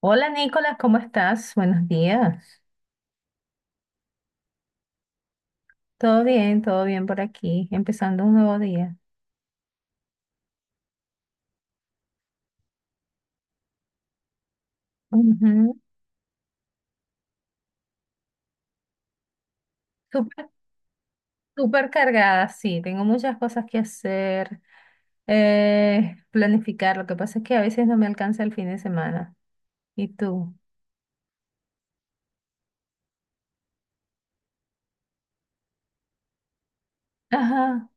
Hola Nicolás, ¿cómo estás? Buenos días. Todo bien por aquí, empezando un nuevo día. Ujú. Súper, súper cargada, sí, tengo muchas cosas que hacer, planificar. Lo que pasa es que a veces no me alcanza el fin de semana. ¿Y tú? Ajá.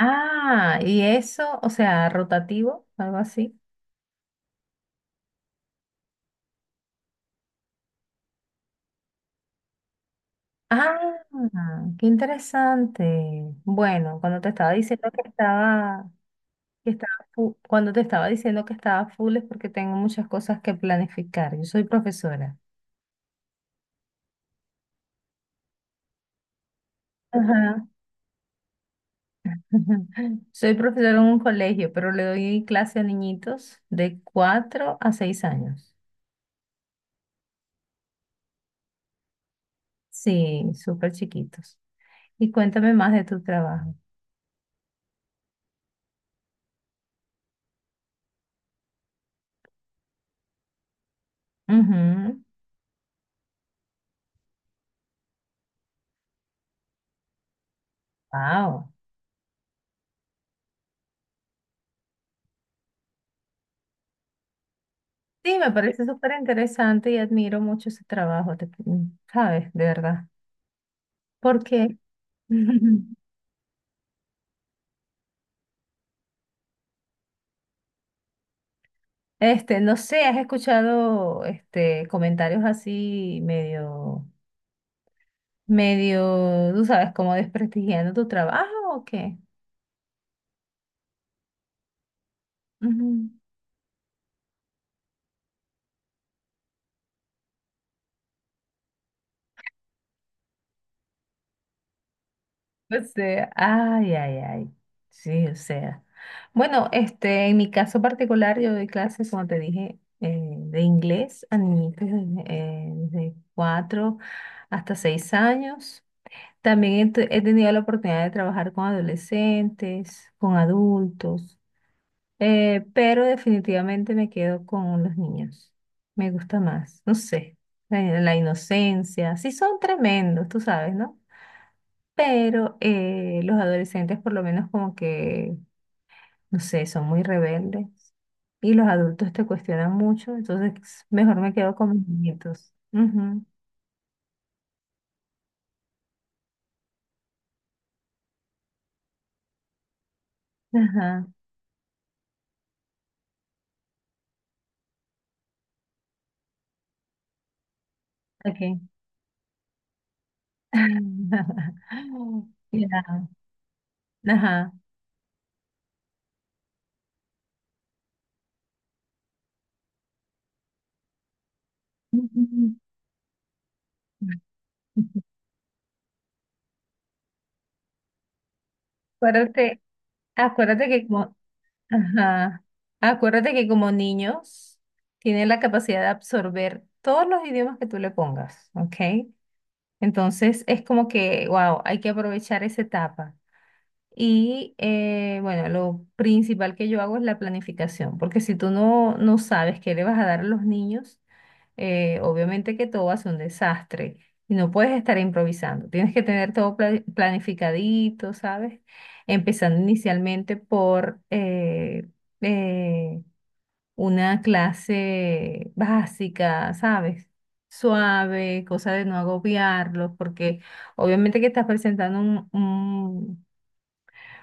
Ah, y eso, o sea, rotativo, algo así. Ah, qué interesante. Bueno, cuando te estaba diciendo que estaba. Cuando te estaba diciendo que estaba full es porque tengo muchas cosas que planificar. Yo soy profesora. Ajá. Soy profesora en un colegio, pero le doy clase a niñitos de 4 a 6 años. Sí, súper chiquitos. Y cuéntame más de tu trabajo. Ujú. Wow. Sí, me parece súper interesante y admiro mucho ese trabajo, ¿sabes? De verdad. ¿Por qué? Este, no sé, ¿has escuchado este comentarios así medio, medio, tú sabes, como desprestigiando tu trabajo o qué? Ujú. O sea, ay, ay, ay. Sí, o sea. Bueno, este, en mi caso particular, yo doy clases, como te dije, de inglés a niños de 4 hasta 6 años. También he tenido la oportunidad de trabajar con adolescentes, con adultos. Pero definitivamente me quedo con los niños. Me gusta más, no sé, la inocencia. Sí son tremendos, tú sabes, ¿no? Pero los adolescentes por lo menos como que, no sé, son muy rebeldes y los adultos te cuestionan mucho, entonces mejor me quedo con mis nietos. Ujú. Ajá, ok. Ya, ajá. Acuérdate, acuérdate que como ajá. Acuérdate que como niños tienen la capacidad de absorber todos los idiomas que tú le pongas, ¿ok? Entonces es como que, wow, hay que aprovechar esa etapa. Y bueno, lo principal que yo hago es la planificación, porque si tú no sabes qué le vas a dar a los niños, obviamente que todo va a ser un desastre y no puedes estar improvisando. Tienes que tener todo planificadito, ¿sabes? Empezando inicialmente por eh, una clase básica, ¿sabes? Suave, cosa de no agobiarlos, porque obviamente que estás presentando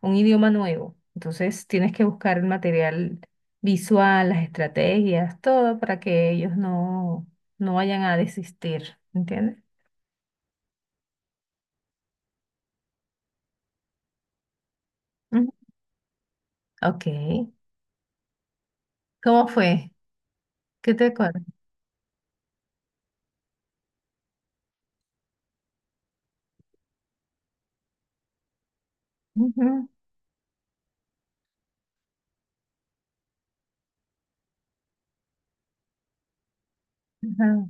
un idioma nuevo. Entonces tienes que buscar el material visual, las estrategias, todo para que ellos no vayan a desistir, ¿entiendes? Ujú. Ok. ¿Cómo fue? ¿Qué te acuerdas? Ujú, ajá.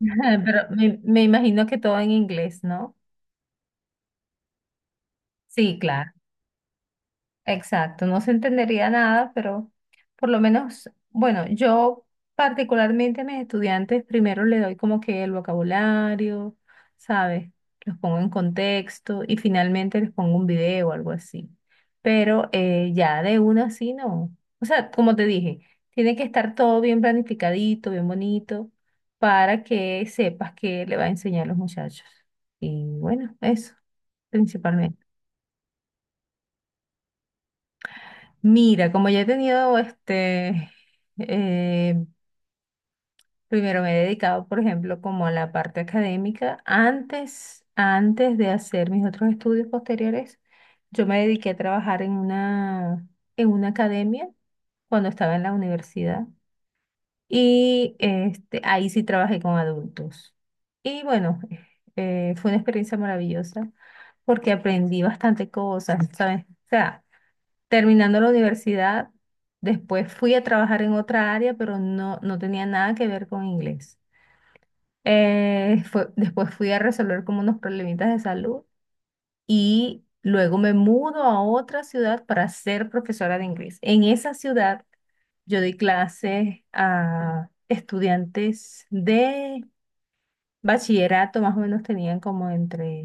Pero me imagino que todo en inglés, ¿no? Sí, claro. Exacto, no se entendería nada, pero por lo menos, bueno, yo particularmente a mis estudiantes primero le doy como que el vocabulario, ¿sabes? Los pongo en contexto y finalmente les pongo un video o algo así. Pero ya de una así no. O sea, como te dije, tiene que estar todo bien planificadito, bien bonito, para que sepas qué le va a enseñar a los muchachos. Y bueno, eso, principalmente. Mira, como ya he tenido este, eh, primero me he dedicado, por ejemplo, como a la parte académica. Antes, antes de hacer mis otros estudios posteriores, yo me dediqué a trabajar en una academia cuando estaba en la universidad. Y este, ahí sí trabajé con adultos. Y bueno, fue una experiencia maravillosa porque aprendí bastante cosas, ¿sabes? O sea, terminando la universidad, después fui a trabajar en otra área, pero no tenía nada que ver con inglés. Después fui a resolver como unos problemitas de salud y luego me mudo a otra ciudad para ser profesora de inglés. En esa ciudad yo di clases a estudiantes de bachillerato, más o menos tenían como entre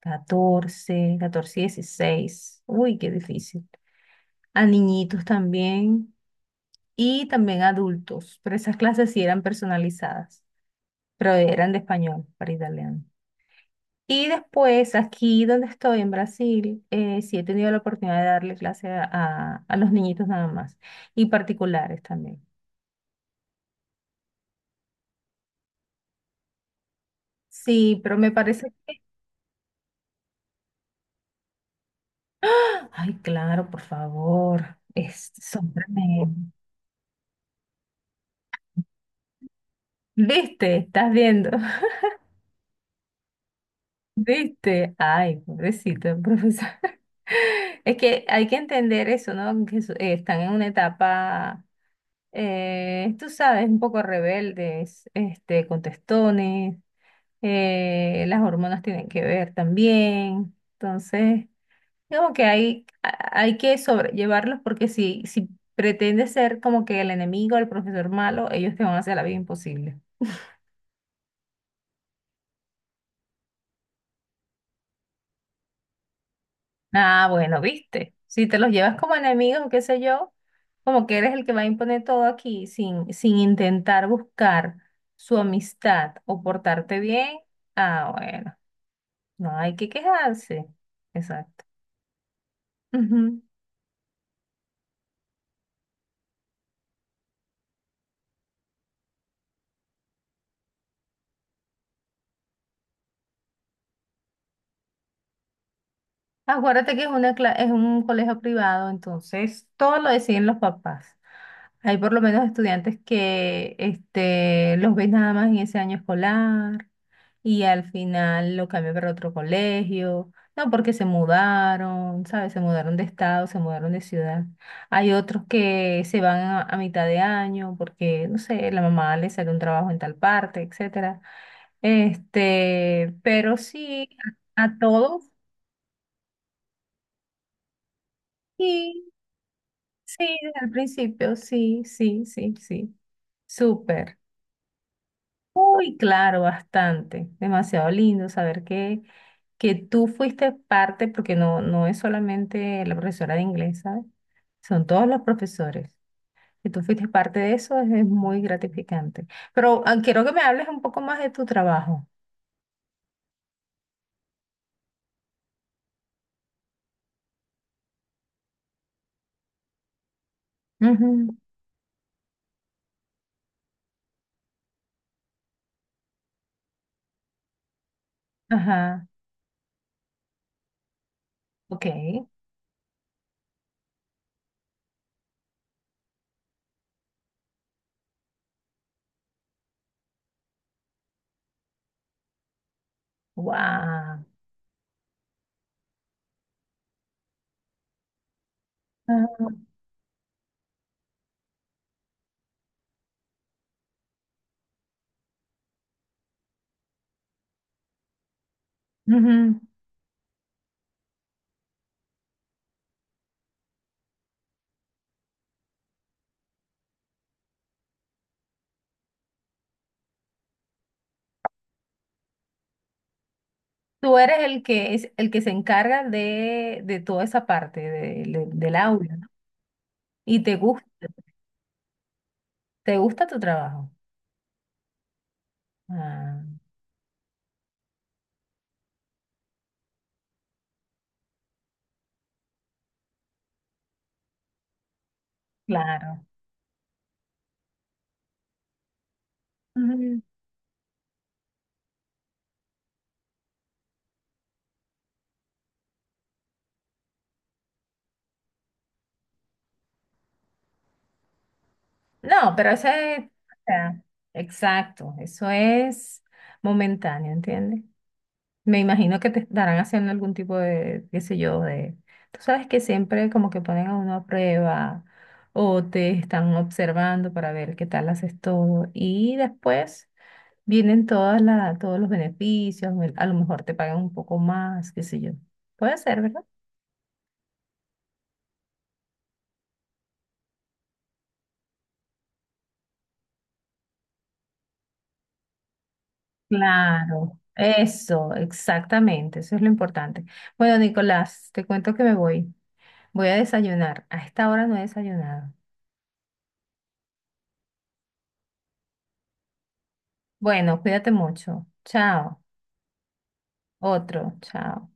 catorce y 16. Uy, qué difícil. A niñitos también, y también adultos, pero esas clases sí eran personalizadas, pero eran de español para italiano. Y después, aquí donde estoy, en Brasil, sí he tenido la oportunidad de darle clase a, a los niñitos nada más y particulares también. Sí, pero me parece... Ay, claro, por favor, son tremendos. ¿Viste? ¿Estás viendo? ¿Viste? Ay, pobrecito el profesor. Es que hay que entender eso, ¿no? Están en una etapa, tú sabes, un poco rebeldes, este, contestones, las hormonas tienen que ver también. Entonces, digamos que hay que sobrellevarlos porque si pretendes ser como que el enemigo, el profesor malo, ellos te van a hacer la vida imposible. Ah, bueno, viste, si te los llevas como enemigos o qué sé yo, como que eres el que va a imponer todo aquí sin intentar buscar su amistad o portarte bien, ah, bueno. No hay que quejarse. Exacto. Ujú. Acuérdate que es un colegio privado, entonces todo lo deciden los papás. Hay por lo menos estudiantes que este, los ves nada más en ese año escolar y al final lo cambian para otro colegio. No, porque se mudaron, ¿sabes? Se mudaron de estado, se mudaron de ciudad. Hay otros que se van a mitad de año porque, no sé, la mamá le sale un trabajo en tal parte, etcétera. Este, pero sí, a todos, sí, sí, desde el principio, sí, sí, sí, sí. Súper. Uy, claro, bastante. Demasiado lindo saber que tú fuiste parte, porque no es solamente la profesora de inglés, ¿sabes? Son todos los profesores. Y tú fuiste parte de eso, es muy gratificante. Pero ah, quiero que me hables un poco más de tu trabajo. Ujú, ajá. Ok. Wow. Tú eres el que se encarga de toda esa parte del aula, ¿no? Y te gusta tu trabajo. Ah, claro. Ujú. No, pero ese es, o sea, exacto, eso es momentáneo, ¿entiendes? Me imagino que te estarán haciendo algún tipo de, qué sé yo, de, tú sabes que siempre como que ponen a uno a prueba o te están observando para ver qué tal haces todo y después. Vienen todos los beneficios, a lo mejor te pagan un poco más, qué sé yo. Puede ser, ¿verdad? Claro, eso, exactamente, eso es lo importante. Bueno, Nicolás, te cuento que me voy. Voy a desayunar. A esta hora no he desayunado. Bueno, cuídate mucho. Chao. Otro, chao.